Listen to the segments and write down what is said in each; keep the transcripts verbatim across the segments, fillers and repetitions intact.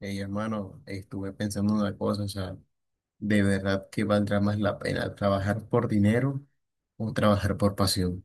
Hey, hermano, estuve pensando en una cosa, o sea, ¿de verdad que valdrá más la pena trabajar por dinero o trabajar por pasión?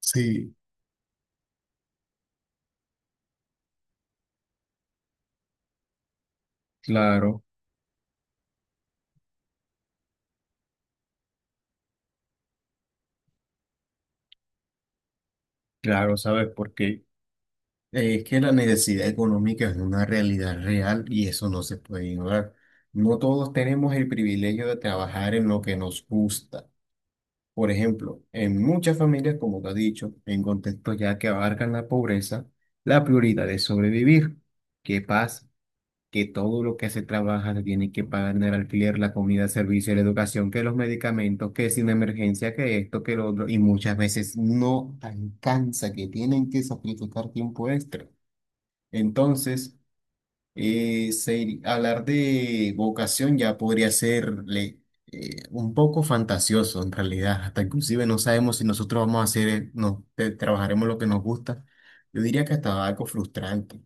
Sí, claro, claro, ¿sabes por qué? Eh, Es que la necesidad económica es una realidad real y eso no se puede ignorar. No todos tenemos el privilegio de trabajar en lo que nos gusta. Por ejemplo, en muchas familias, como te has dicho, en contextos ya que abarcan la pobreza, la prioridad es sobrevivir. ¿Qué pasa? que todo lo que se trabaja se tiene que pagar en el alquiler, la comida, el servicio, la educación, que los medicamentos, que sin emergencia, que esto, que lo otro, y muchas veces no alcanza, que tienen que sacrificar tiempo extra. Entonces, eh, se- hablar de vocación ya podría ser le- eh, un poco fantasioso en realidad. Hasta inclusive no sabemos si nosotros vamos a hacer, eh, no, te- trabajaremos lo que nos gusta. Yo diría que hasta algo frustrante,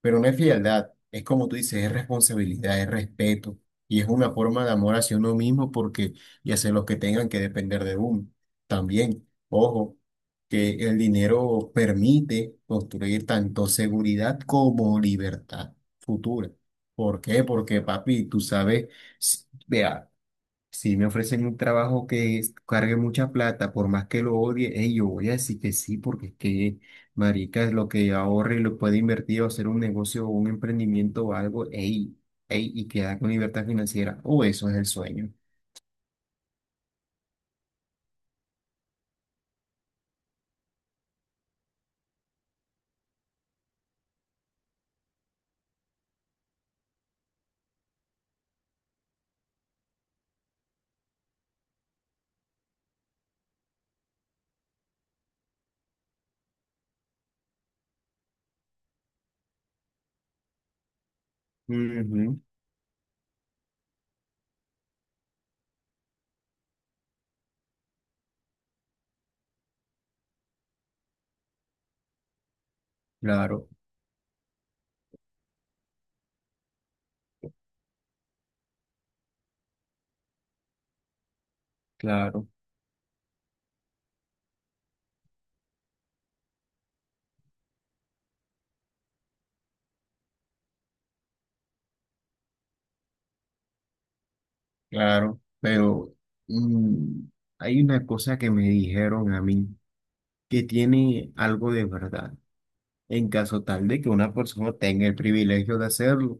pero no es frialdad, es como tú dices, es responsabilidad, es respeto y es una forma de amor hacia uno mismo porque y hacia los que tengan que depender de uno. También, ojo, que el dinero permite construir tanto seguridad como libertad futura. ¿Por qué? Porque, papi, tú sabes, s- vea, si me ofrecen un trabajo que es- cargue mucha plata, por más que lo odie, ey, yo voy a decir que sí, porque es que, marica, es lo que ahorre y lo puede invertir o hacer un negocio o un emprendimiento o algo, ey, ey, y queda con libertad financiera. O eso es el sueño. Ujú. Claro, claro, claro. Pero mm, hay una cosa que me dijeron a mí que tiene algo de verdad. en caso tal de que una persona tenga el privilegio de hacerlo,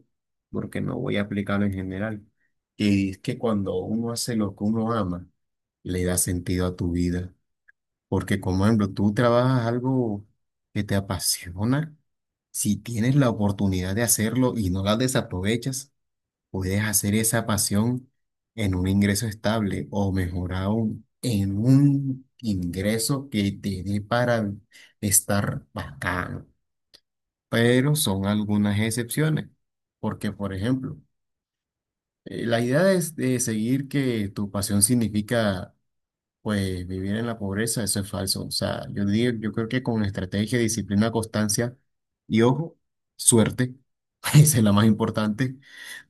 porque no voy a aplicarlo en general. Y es que cuando uno hace lo que uno ama, le da sentido a tu vida. Porque, como ejemplo, tú trabajas algo que te apasiona, si tienes la oportunidad de hacerlo y no la desaprovechas, puedes hacer esa pasión en un ingreso estable o mejor aún, en un ingreso que te dé para estar bacán, pero son algunas excepciones, porque por ejemplo, eh, la idea es de seguir que tu pasión significa pues vivir en la pobreza, eso es falso. O sea, yo digo, yo creo que con estrategia, disciplina, constancia y ojo, suerte. Esa es la más importante.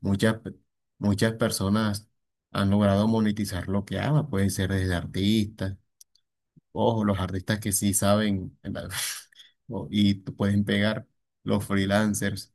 Muchas, pe- muchas personas han logrado monetizar lo que aman, pueden ser desde artistas. Ojo, los artistas que sí saben, o- y t- pueden pegar los freelancers,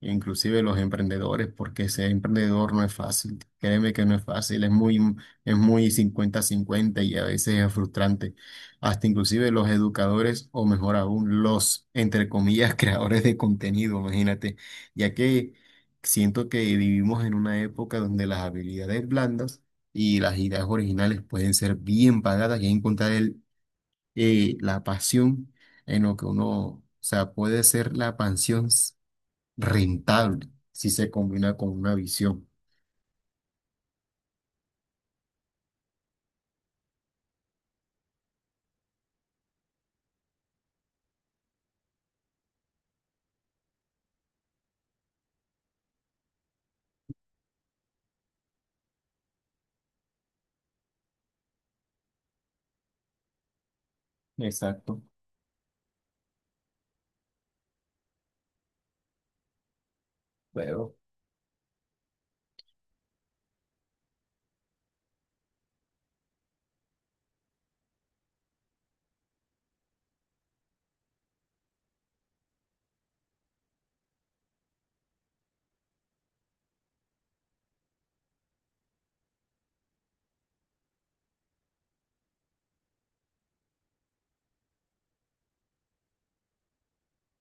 inclusive los emprendedores, porque ser emprendedor no es fácil. Créeme que no es fácil, es muy, es muy cincuenta cincuenta y a veces es frustrante. Hasta inclusive los educadores, o mejor aún, los, entre comillas, creadores de contenido, imagínate, ya que siento que vivimos en una época donde las habilidades blandas y las ideas originales pueden ser bien pagadas y encontrar el y la pasión en lo que uno, o sea, puede ser la pasión s- rentable si se combina con una visión. Exacto, pero,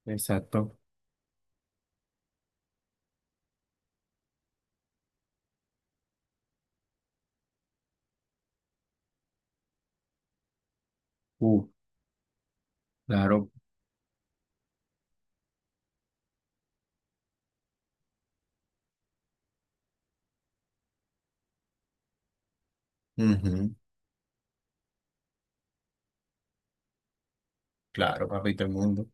exacto. Uh, claro. Ujú. Claro, papito, el mundo.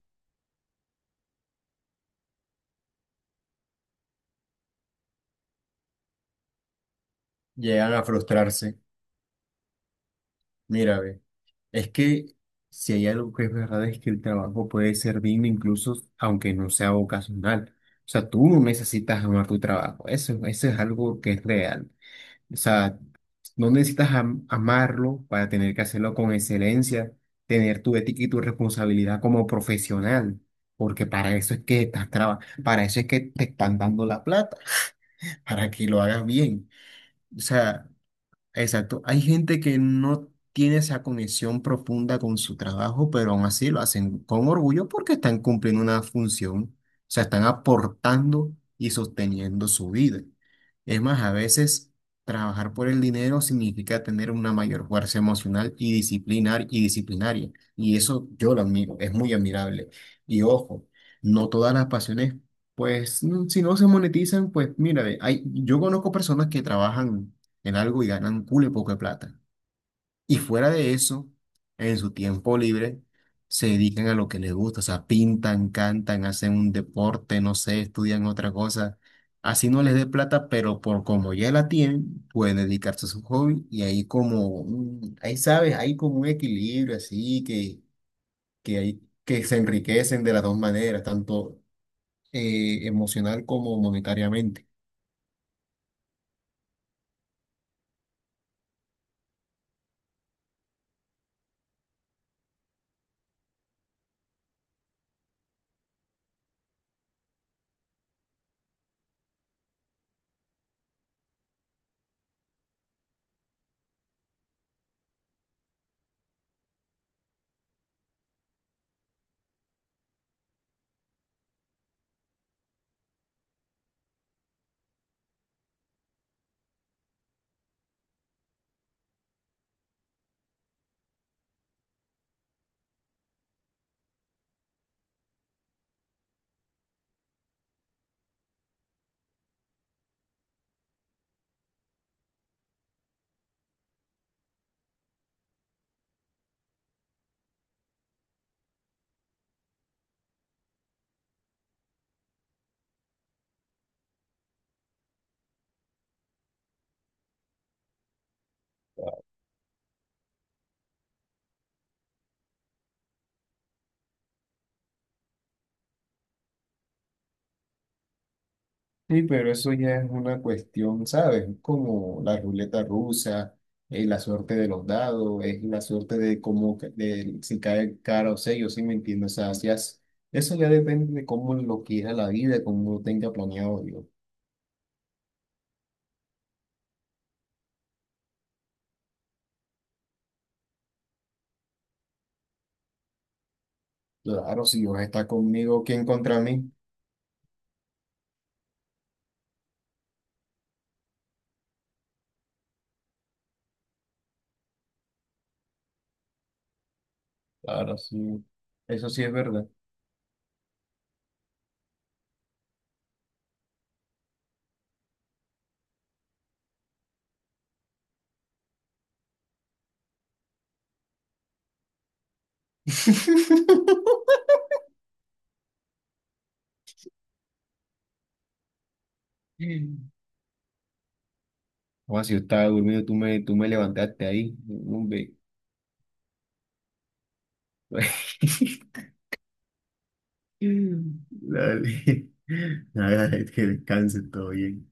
Llegan a frustrarse. Mira, ve, es que si hay algo que es verdad es que el trabajo puede ser digno incluso aunque no sea vocacional. O sea, tú no necesitas amar tu trabajo. Eso, eso es algo que es real. O sea, no necesitas am- amarlo para tener que hacerlo con excelencia, tener tu ética y tu responsabilidad como profesional, porque para eso es que estás trabajando, para eso es que te están dando la plata, para que lo hagas bien. O sea, Exacto. Hay gente que no tiene esa conexión profunda con su trabajo, pero aún así lo hacen con orgullo porque están cumpliendo una función, o sea, están aportando y sosteniendo su vida. Es más, a veces trabajar por el dinero significa tener una mayor fuerza emocional y disciplinar y disciplinaria. Y eso yo lo admiro, es muy admirable. Y ojo, no todas las pasiones, pues, mm, si no se monetizan, pues mira, ve, hay, yo conozco personas que trabajan en algo y ganan cule poco de plata. Y fuera de eso, en su tiempo libre, se dedican a lo que les gusta, o sea, pintan, cantan, hacen un deporte, no sé, estudian otra cosa. Así no les dé plata, pero por como ya la tienen, pueden dedicarse a su hobby y ahí como, un- ahí sabes, hay como un equilibrio así que, que hay, que se enriquecen de las dos maneras, tanto eh, emocional como monetariamente. Sí, pero eso ya es una cuestión, ¿sabes? Como la ruleta rusa, eh, la suerte de los dados, es la suerte de cómo, ca- de si cae cara o sello, ¿sí me entiendes? O sea, si has- eso ya depende de cómo lo quiera la vida, cómo lo tenga planeado Dios. Claro, si Dios está conmigo, ¿quién contra mí? Claro, sí. Eso sí es verdad. O si yo estaba durmiendo, tú me, tú me levantaste ahí. Hombre. Dale. Nada, que descanse, todo bien.